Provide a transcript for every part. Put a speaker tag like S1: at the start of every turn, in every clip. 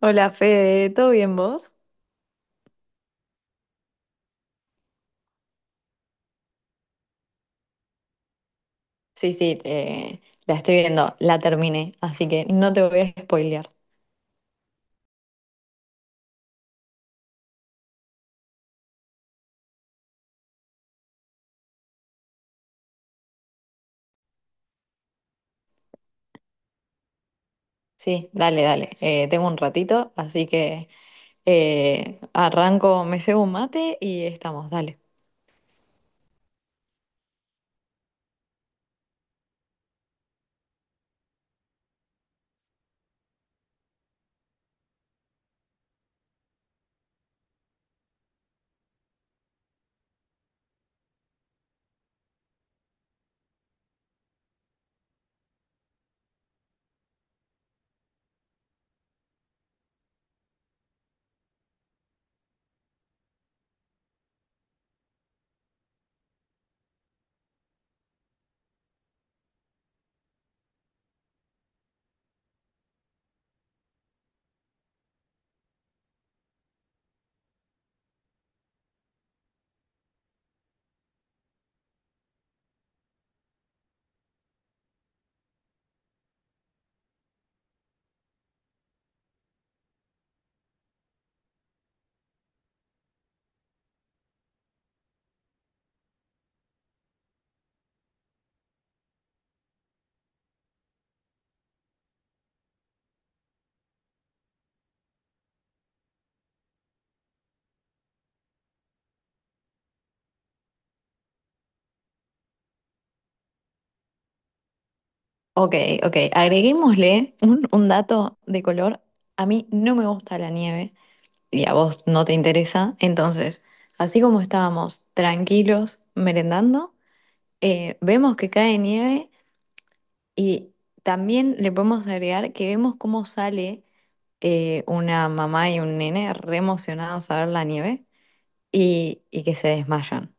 S1: Hola Fede, ¿todo bien vos? Sí, sí, la estoy viendo, la terminé, así que no te voy a spoilear. Sí, dale, dale. Tengo un ratito, así que arranco, me cebo un mate y estamos, dale. Ok, ok. Agreguémosle un dato de color. A mí no me gusta la nieve y a vos no te interesa. Entonces, así como estábamos tranquilos merendando, vemos que cae nieve. Y también le podemos agregar que vemos cómo sale una mamá y un nene re emocionados a ver la nieve y que se desmayan.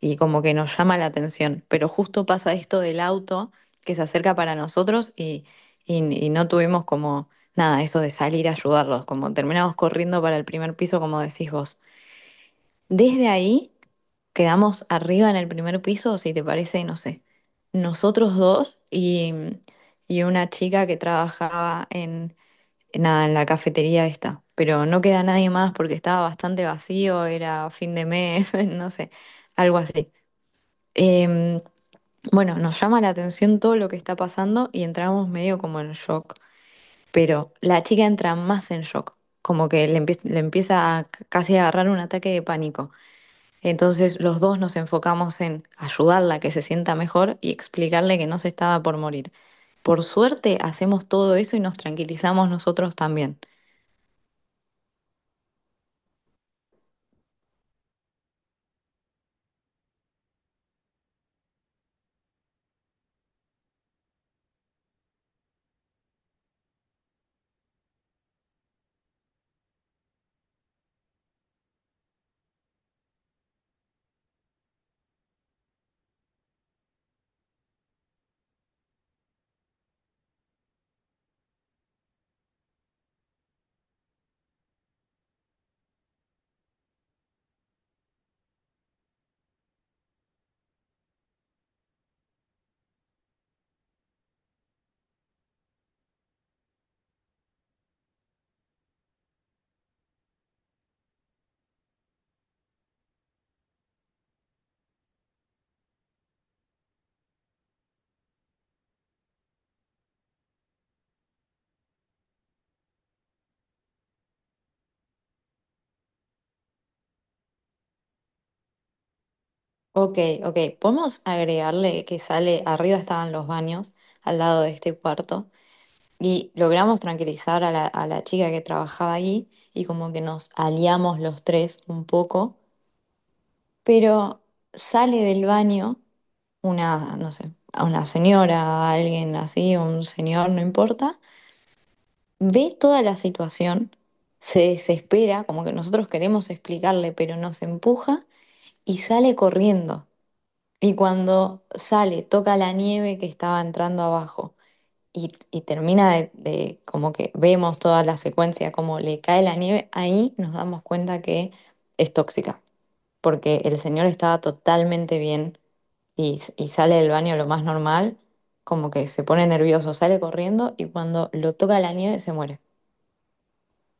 S1: Y como que nos llama la atención. Pero justo pasa esto del auto que se acerca para nosotros y no tuvimos como nada, eso de salir a ayudarlos, como terminamos corriendo para el primer piso, como decís vos. Desde ahí quedamos arriba en el primer piso, si te parece, no sé, nosotros dos y una chica que trabajaba en nada, en la cafetería esta. Pero no queda nadie más porque estaba bastante vacío, era fin de mes, no sé, algo así. Em, bueno, nos llama la atención todo lo que está pasando y entramos medio como en shock. Pero la chica entra más en shock, como que le, empie- le empieza a casi a agarrar un ataque de pánico. Entonces los dos nos enfocamos en ayudarla a que se sienta mejor y explicarle que no se estaba por morir. Por suerte hacemos todo eso y nos tranquilizamos nosotros también. Ok, ok, podemos agregarle que sale, arriba estaban los baños, al lado de este cuarto, y logramos tranquilizar a a la chica que trabajaba ahí y como que nos aliamos los tres un poco, pero sale del baño una, no sé, a una señora, a alguien así, un señor, no importa, ve toda la situación, se desespera, como que nosotros queremos explicarle, pero nos empuja y sale corriendo. Y cuando sale, toca la nieve que estaba entrando abajo y termina como que vemos toda la secuencia, como le cae la nieve, ahí nos damos cuenta que es tóxica, porque el señor estaba totalmente bien y sale del baño lo más normal, como que se pone nervioso, sale corriendo y cuando lo toca la nieve se muere.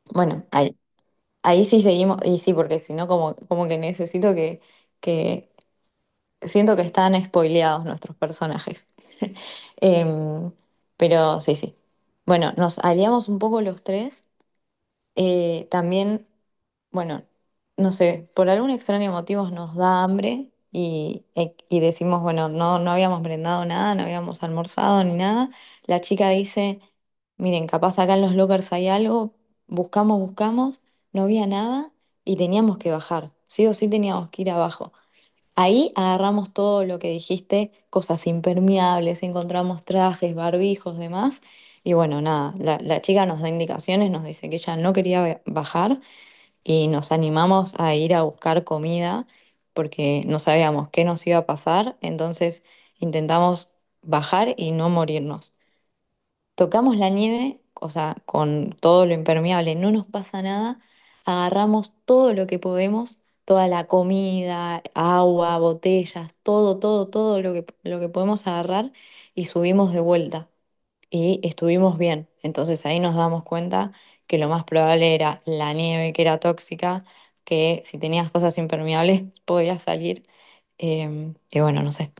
S1: Bueno, ahí, ahí sí seguimos, y sí, porque si no, como, como que necesito que siento que están spoileados nuestros personajes. Em, pero sí, sí. Bueno, nos aliamos un poco los tres también, bueno, no sé, por algún extraño motivo nos da hambre y decimos, bueno, no, no habíamos brindado nada, no habíamos almorzado ni nada. La chica dice, miren, capaz acá en los lockers hay algo, buscamos, buscamos, no había nada y teníamos que bajar, sí o sí teníamos que ir abajo. Ahí agarramos todo lo que dijiste, cosas impermeables, encontramos trajes, barbijos, demás. Y bueno, nada, la chica nos da indicaciones, nos dice que ella no quería bajar y nos animamos a ir a buscar comida porque no sabíamos qué nos iba a pasar. Entonces intentamos bajar y no morirnos. Tocamos la nieve, o sea, con todo lo impermeable, no nos pasa nada. Agarramos todo lo que podemos, toda la comida, agua, botellas, todo, todo, todo lo que podemos agarrar y subimos de vuelta. Y estuvimos bien. Entonces ahí nos damos cuenta que lo más probable era la nieve que era tóxica, que si tenías cosas impermeables podías salir. Y bueno, no sé.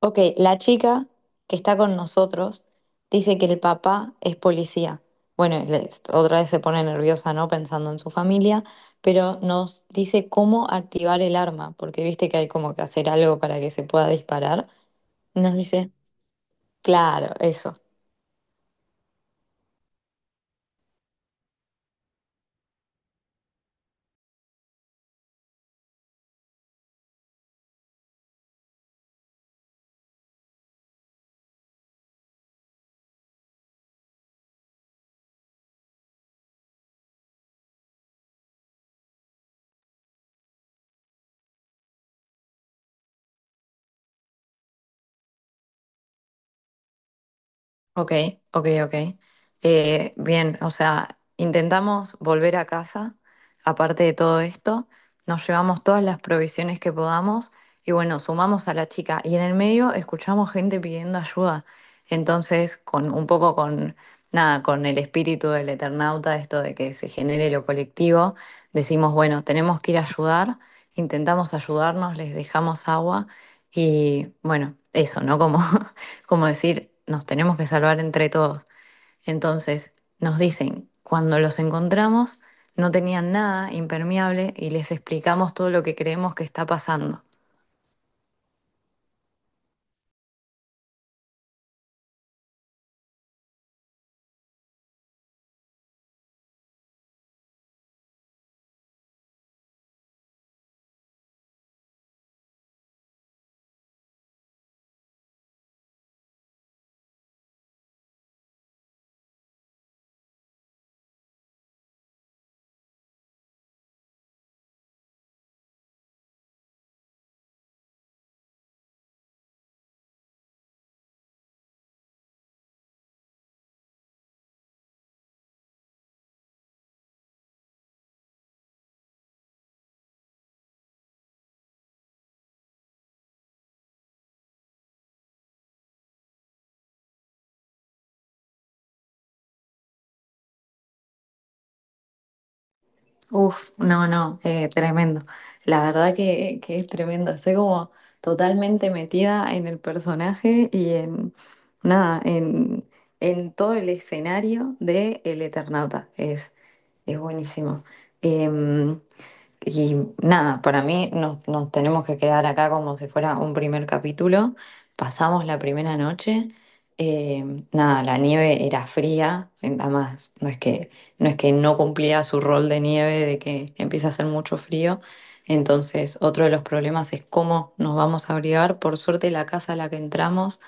S1: Ok, la chica que está con nosotros dice que el papá es policía. Bueno, otra vez se pone nerviosa, ¿no? Pensando en su familia, pero nos dice cómo activar el arma, porque viste que hay como que hacer algo para que se pueda disparar. Nos dice, claro, eso. Ok, ok, ok. Bien, o sea, intentamos volver a casa, aparte de todo esto, nos llevamos todas las provisiones que podamos y bueno, sumamos a la chica y en el medio escuchamos gente pidiendo ayuda. Entonces, con un poco con nada, con el espíritu del Eternauta, esto de que se genere lo colectivo, decimos, bueno, tenemos que ir a ayudar, intentamos ayudarnos, les dejamos agua y bueno, eso, ¿no? Como como decir, nos tenemos que salvar entre todos. Entonces, nos dicen, cuando los encontramos, no tenían nada impermeable y les explicamos todo lo que creemos que está pasando. Uf, no, no, tremendo. La verdad que es tremendo. Estoy como totalmente metida en el personaje y en nada, en todo el escenario de El Eternauta. Es buenísimo. Em, Y nada, para mí nos tenemos que quedar acá como si fuera un primer capítulo. Pasamos la primera noche. Eh, nada, la nieve era fría. Además, no es que, no es que no cumplía su rol de nieve, de que empieza a hacer mucho frío. Entonces, otro de los problemas es cómo nos vamos a abrigar. Por suerte, la casa a la que entramos,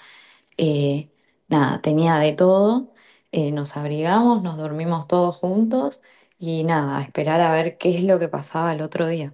S1: eh, nada, tenía de todo, nos abrigamos, nos dormimos todos juntos y nada, a esperar a ver qué es lo que pasaba el otro día.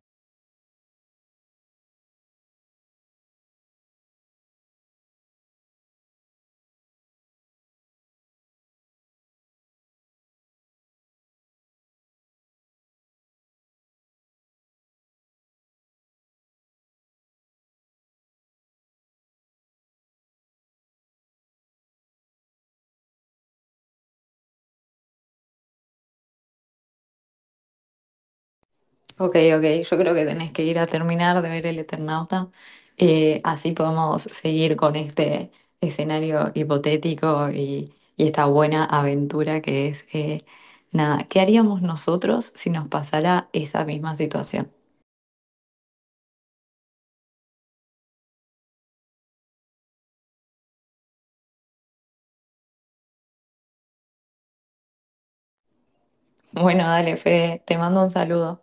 S1: Ok, ok, yo creo que tenés que ir a terminar de ver El Eternauta, así podemos seguir con este escenario hipotético y esta buena aventura que es, nada, ¿qué haríamos nosotros si nos pasara esa misma situación? Bueno, dale, Fede, te mando un saludo.